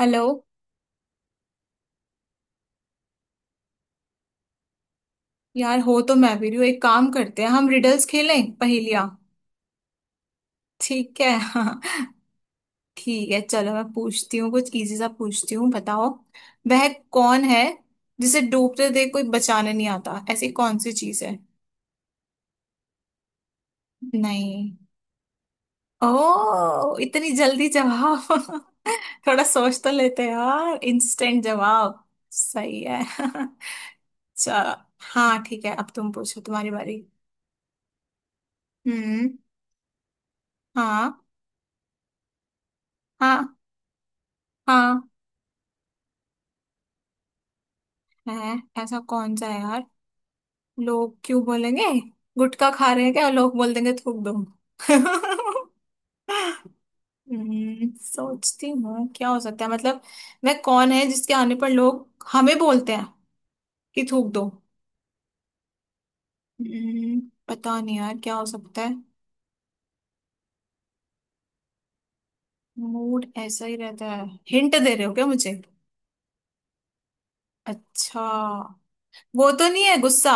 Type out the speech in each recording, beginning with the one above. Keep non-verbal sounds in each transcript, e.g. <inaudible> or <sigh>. Hello. यार हो तो मैं भी रही हूँ। एक काम करते हैं, हम रिडल्स खेलें, पहेलियाँ। ठीक है <laughs> हाँ। ठीक है चलो, मैं पूछती हूँ, कुछ इजी सा पूछती हूँ, बताओ। वह कौन है जिसे डूबते देख कोई बचाने नहीं आता? ऐसी कौन सी चीज है? नहीं। ओ, इतनी जल्दी जवाब! <laughs> थोड़ा सोच तो लेते यार, इंस्टेंट जवाब। सही है। <laughs> चलो। हाँ ठीक है, अब तुम पूछो, तुम्हारी बारी। हम्म। हाँ हाँ हाँ है। ऐसा कौन सा है यार? लोग क्यों बोलेंगे? गुटखा खा रहे हैं क्या लोग? बोल देंगे थूक दो। <laughs> सोचती हूँ क्या हो सकता है, मतलब वह कौन है जिसके आने पर लोग हमें बोलते हैं कि थूक दो। हम्म, पता नहीं यार क्या हो सकता है। मूड ऐसा ही रहता है। हिंट दे रहे हो क्या मुझे? अच्छा। वो तो नहीं है गुस्सा?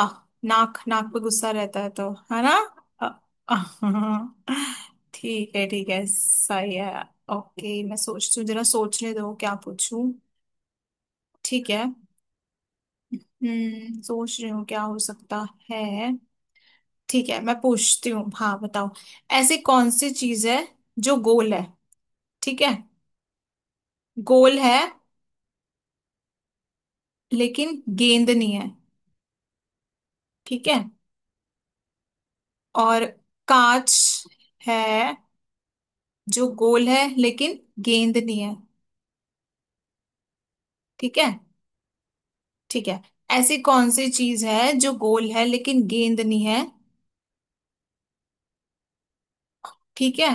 नाक, नाक पे गुस्सा रहता है तो है ना। अ- <laughs> ठीक है ठीक है, सही है। ओके, मैं सोचती हूँ, जरा सोचने दो क्या पूछूं। ठीक है। सोच रही हूँ क्या हो सकता है। ठीक है मैं पूछती हूँ, हाँ बताओ। ऐसी कौन सी चीज है जो गोल है? ठीक है। गोल है लेकिन गेंद नहीं है। ठीक है। और कांच है जो गोल है लेकिन गेंद नहीं है। ठीक है। ठीक है, ऐसी कौन सी चीज है जो गोल है लेकिन गेंद नहीं है? ठीक है,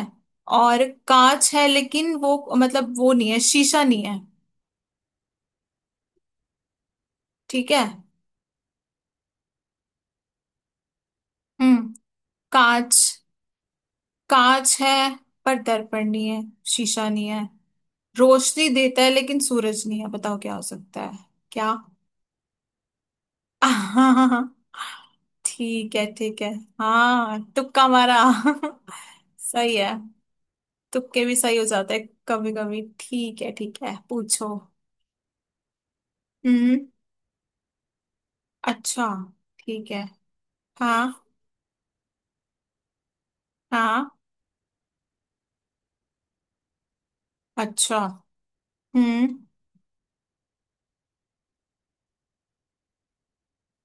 और कांच है लेकिन वो मतलब वो नहीं है, शीशा नहीं है। ठीक है। हम्म। कांच, कांच है पर दर्पण नहीं है, शीशा नहीं है, रोशनी देता है लेकिन सूरज नहीं है। बताओ क्या हो सकता है? क्या? <laughs> हाँ हाँ हाँ, ठीक है ठीक है। हाँ, तुक्का मारा। <laughs> सही है। तुक्के भी सही हो जाते हैं कभी कभी। ठीक है ठीक है, पूछो। हम्म। अच्छा। ठीक है। हाँ। हाँ, अच्छा। हम्म।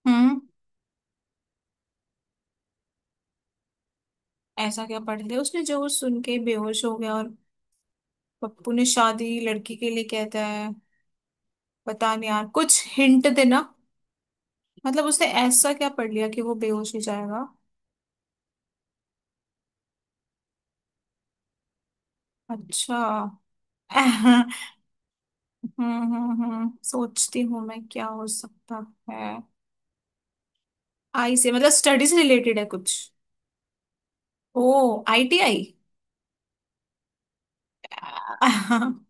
हम्म। ऐसा क्या पढ़ लिया उसने जो वो सुन के बेहोश हो गया? और पप्पू ने शादी लड़की के लिए कहता है। पता नहीं यार, कुछ हिंट देना। मतलब उसने ऐसा क्या पढ़ लिया कि वो बेहोश हो जाएगा? अच्छा। <laughs> सोचती हूँ मैं क्या हो सकता है। आई से, मतलब स्टडी से रिलेटेड है कुछ? ओ, आई टी आई। <laughs>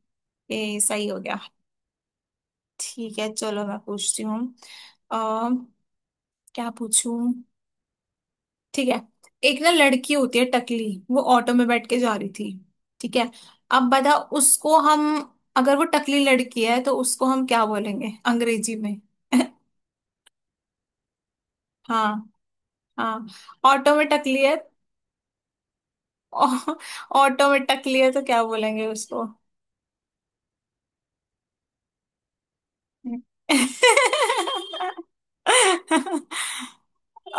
ए, सही हो गया। ठीक है चलो, मैं पूछती हूँ। अः क्या पूछूं। ठीक है। एक ना लड़की होती है टकली, वो ऑटो में बैठ के जा रही थी। ठीक है। अब बता उसको हम, अगर वो टकली लड़की है तो उसको हम क्या बोलेंगे अंग्रेजी में? <laughs> हाँ। हाँ, ऑटो में टकली है। <laughs> ऑ- ऑटो में टकली है तो क्या बोलेंगे उसको? <laughs>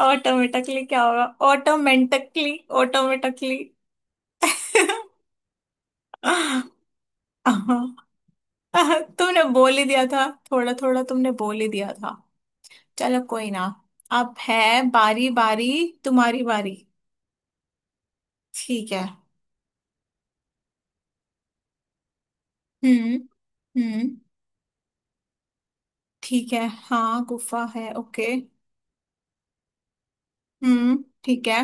ऑटो में टकली, क्या होगा? ऑटोमेटिकली। ऑटोमेटिकली। <laughs> तुमने बोल ही दिया था थोड़ा थोड़ा, तुमने बोल ही दिया था। चलो कोई ना। अब है बारी बारी, तुम्हारी बारी। ठीक है। हम्म। हम्म। ठीक है हाँ, गुफा है ओके। ठीक है।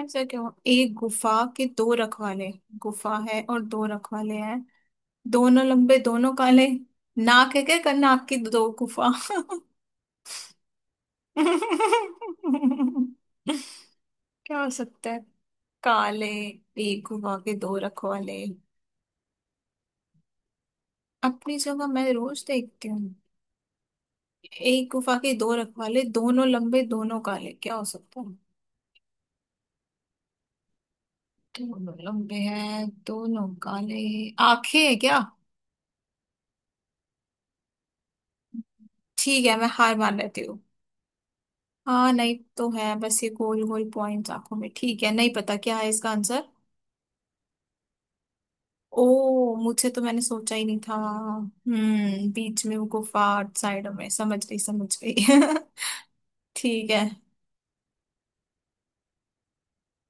ऐसा क्यों? एक गुफा के दो रखवाले, गुफा है और दो रखवाले हैं, दोनों लंबे दोनों काले। नाक है क्या? कर नाक की दो गुफा। <laughs> क्या हो सकता है? काले। एक गुफा के दो रखवाले। अपनी जगह मैं रोज देखती हूँ। एक गुफा के दो रखवाले दोनों लंबे दोनों काले, क्या हो सकता है? दोनों लंबे हैं दोनों काले। आंखें हैं क्या? ठीक है, मैं हार मान लेती हूँ। हाँ नहीं, तो है बस ये गोल गोल पॉइंट्स आंखों में। ठीक है, नहीं पता क्या है इसका आंसर। ओ, मुझे तो मैंने सोचा ही नहीं था। बीच में वो गुफा, साइड में, समझ गई समझ गई। <laughs> ठीक है।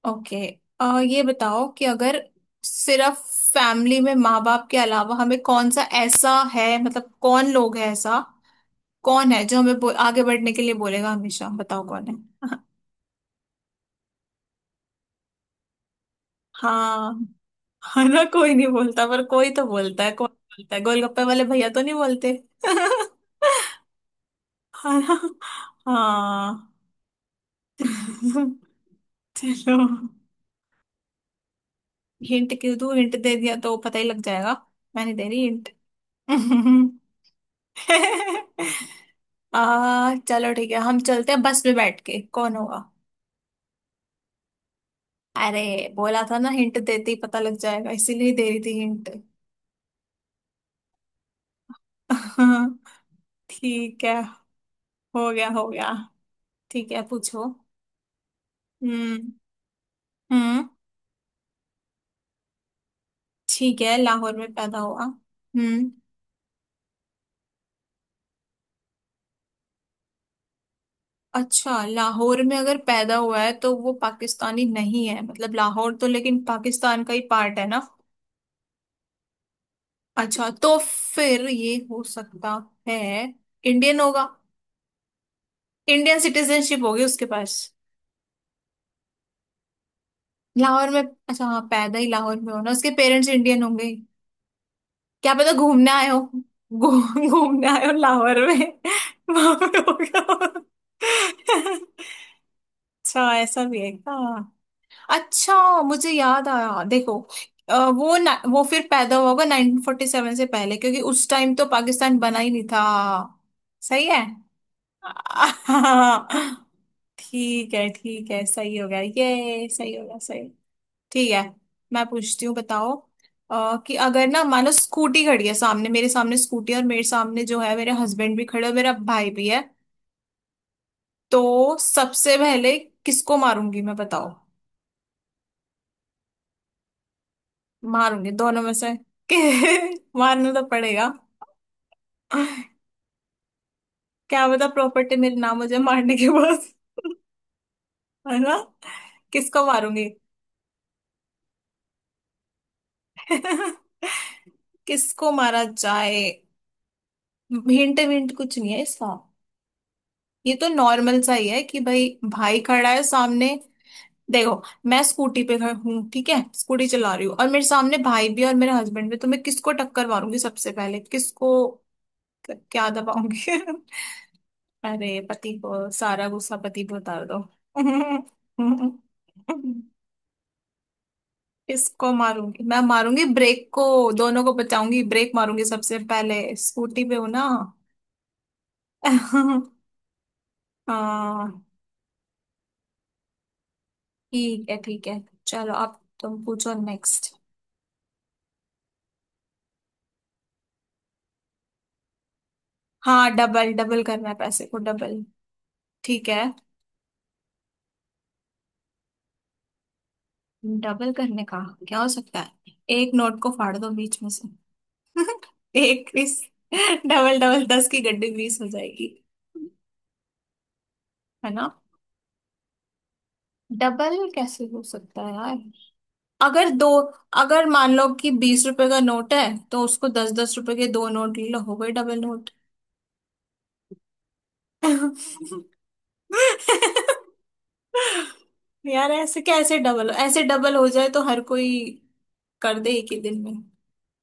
ओके। ये बताओ कि अगर, सिर्फ फैमिली में माँ बाप के अलावा हमें कौन सा ऐसा है, मतलब कौन लोग है, ऐसा कौन है जो हमें आगे बढ़ने के लिए बोलेगा हमेशा? बताओ कौन है। <laughs> हाँ। हाँ ना, कोई नहीं बोलता पर कोई तो बोलता है, कौन बोलता है? गोलगप्पे वाले भैया तो नहीं बोलते। <laughs> हाँ ना। हाँ। <laughs> चलो। हिंट क्यों दूँ? हिंट दे दिया तो पता ही लग जाएगा। मैं नहीं दे रही हिंट। <laughs> <laughs> आ, चलो ठीक है, हम चलते हैं बस में बैठ के, कौन होगा? अरे, बोला था ना हिंट देते ही पता लग जाएगा, इसीलिए दे रही थी हिंट। <laughs> ठीक है, हो गया हो गया। ठीक है पूछो। हम्म। हम्म। ठीक है, लाहौर में पैदा हुआ, हम्म। अच्छा, लाहौर में अगर पैदा हुआ है तो वो पाकिस्तानी नहीं है, मतलब लाहौर तो लेकिन पाकिस्तान का ही पार्ट है ना। अच्छा, तो फिर ये हो सकता है, इंडियन होगा, इंडियन सिटीजनशिप होगी उसके पास। लाहौर में, अच्छा हाँ, पैदा ही लाहौर में हो ना, उसके पेरेंट्स इंडियन होंगे, क्या पता घूमने आए हो। घूमने आए हो लाहौर में, वहां पे हो गया हो। <laughs> अच्छा, ऐसा भी है हाँ। अच्छा, मुझे याद आया देखो, वो फिर पैदा हुआ होगा 1947 से पहले, क्योंकि उस टाइम तो पाकिस्तान बना ही नहीं था। सही है। <laughs> हाँ, ठीक है ठीक है, सही हो गया, ये सही हो गया, सही। ठीक है मैं पूछती हूँ, बताओ। कि अगर ना, मानो स्कूटी खड़ी है सामने, मेरे सामने स्कूटी, और मेरे सामने जो है मेरे हस्बैंड भी खड़े और मेरा भाई भी है, तो सबसे पहले किसको मारूंगी मैं, बताओ। मारूंगी दोनों में से। <laughs> मारना तो पड़ेगा। क्या पता प्रॉपर्टी मेरे नाम हो जाए मारने के बाद। <laughs> है ना, किसको मारूंगी। <laughs> किसको मारा जाए। हिंट हिंट कुछ नहीं है इसका, ये तो नॉर्मल सा ही है कि भाई, भाई खड़ा है सामने। देखो, मैं स्कूटी पे गई हूँ, ठीक है, स्कूटी चला रही हूँ, और मेरे सामने भाई भी और मेरे हस्बैंड भी, तो मैं किसको टक्कर मारूंगी सबसे पहले, किसको? क्या दबाऊंगी? <laughs> अरे, पति को सारा गुस्सा पति पे उतार दो। <laughs> किसको मारूंगी? मैं मारूंगी ब्रेक को, दोनों को बचाऊंगी, ब्रेक मारूंगी सबसे पहले, स्कूटी पे हूं ना। <laughs> हाँ, ठीक है ठीक है। चलो अब तुम पूछो नेक्स्ट। हाँ डबल, डबल करना है पैसे को, डबल। ठीक है। डबल करने का क्या हो सकता है, एक नोट को फाड़ दो बीच में से। <laughs> एक बीस। डबल, डबल, दस की गड्डी बीस हो जाएगी। है ना? डबल कैसे हो सकता है यार, अगर दो, अगर मान लो कि बीस रुपए का नोट है तो उसको दस दस रुपए के दो नोट ले लो, हो गए डबल नोट। <laughs> यार ऐसे कैसे डबल, ऐसे डबल हो जाए तो हर कोई कर दे एक ही दिन में,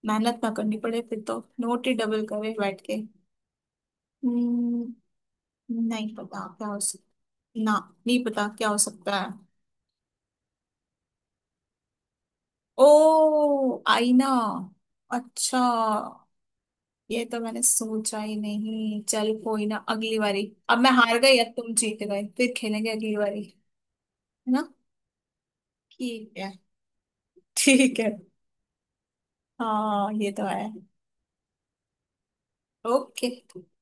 मेहनत ना करनी पड़े फिर, तो नोट ही डबल करे बैठ के। Hmm, नहीं पता क्या हो सकता ना, नहीं पता क्या हो सकता है। ओ, आईना! अच्छा, ये तो मैंने सोचा ही नहीं। चल कोई ना, अगली बारी। अब मैं हार गई, अब तुम जीत गए, फिर खेलेंगे अगली बारी, है ना। ठीक है ठीक है। हाँ ये तो है। ओके।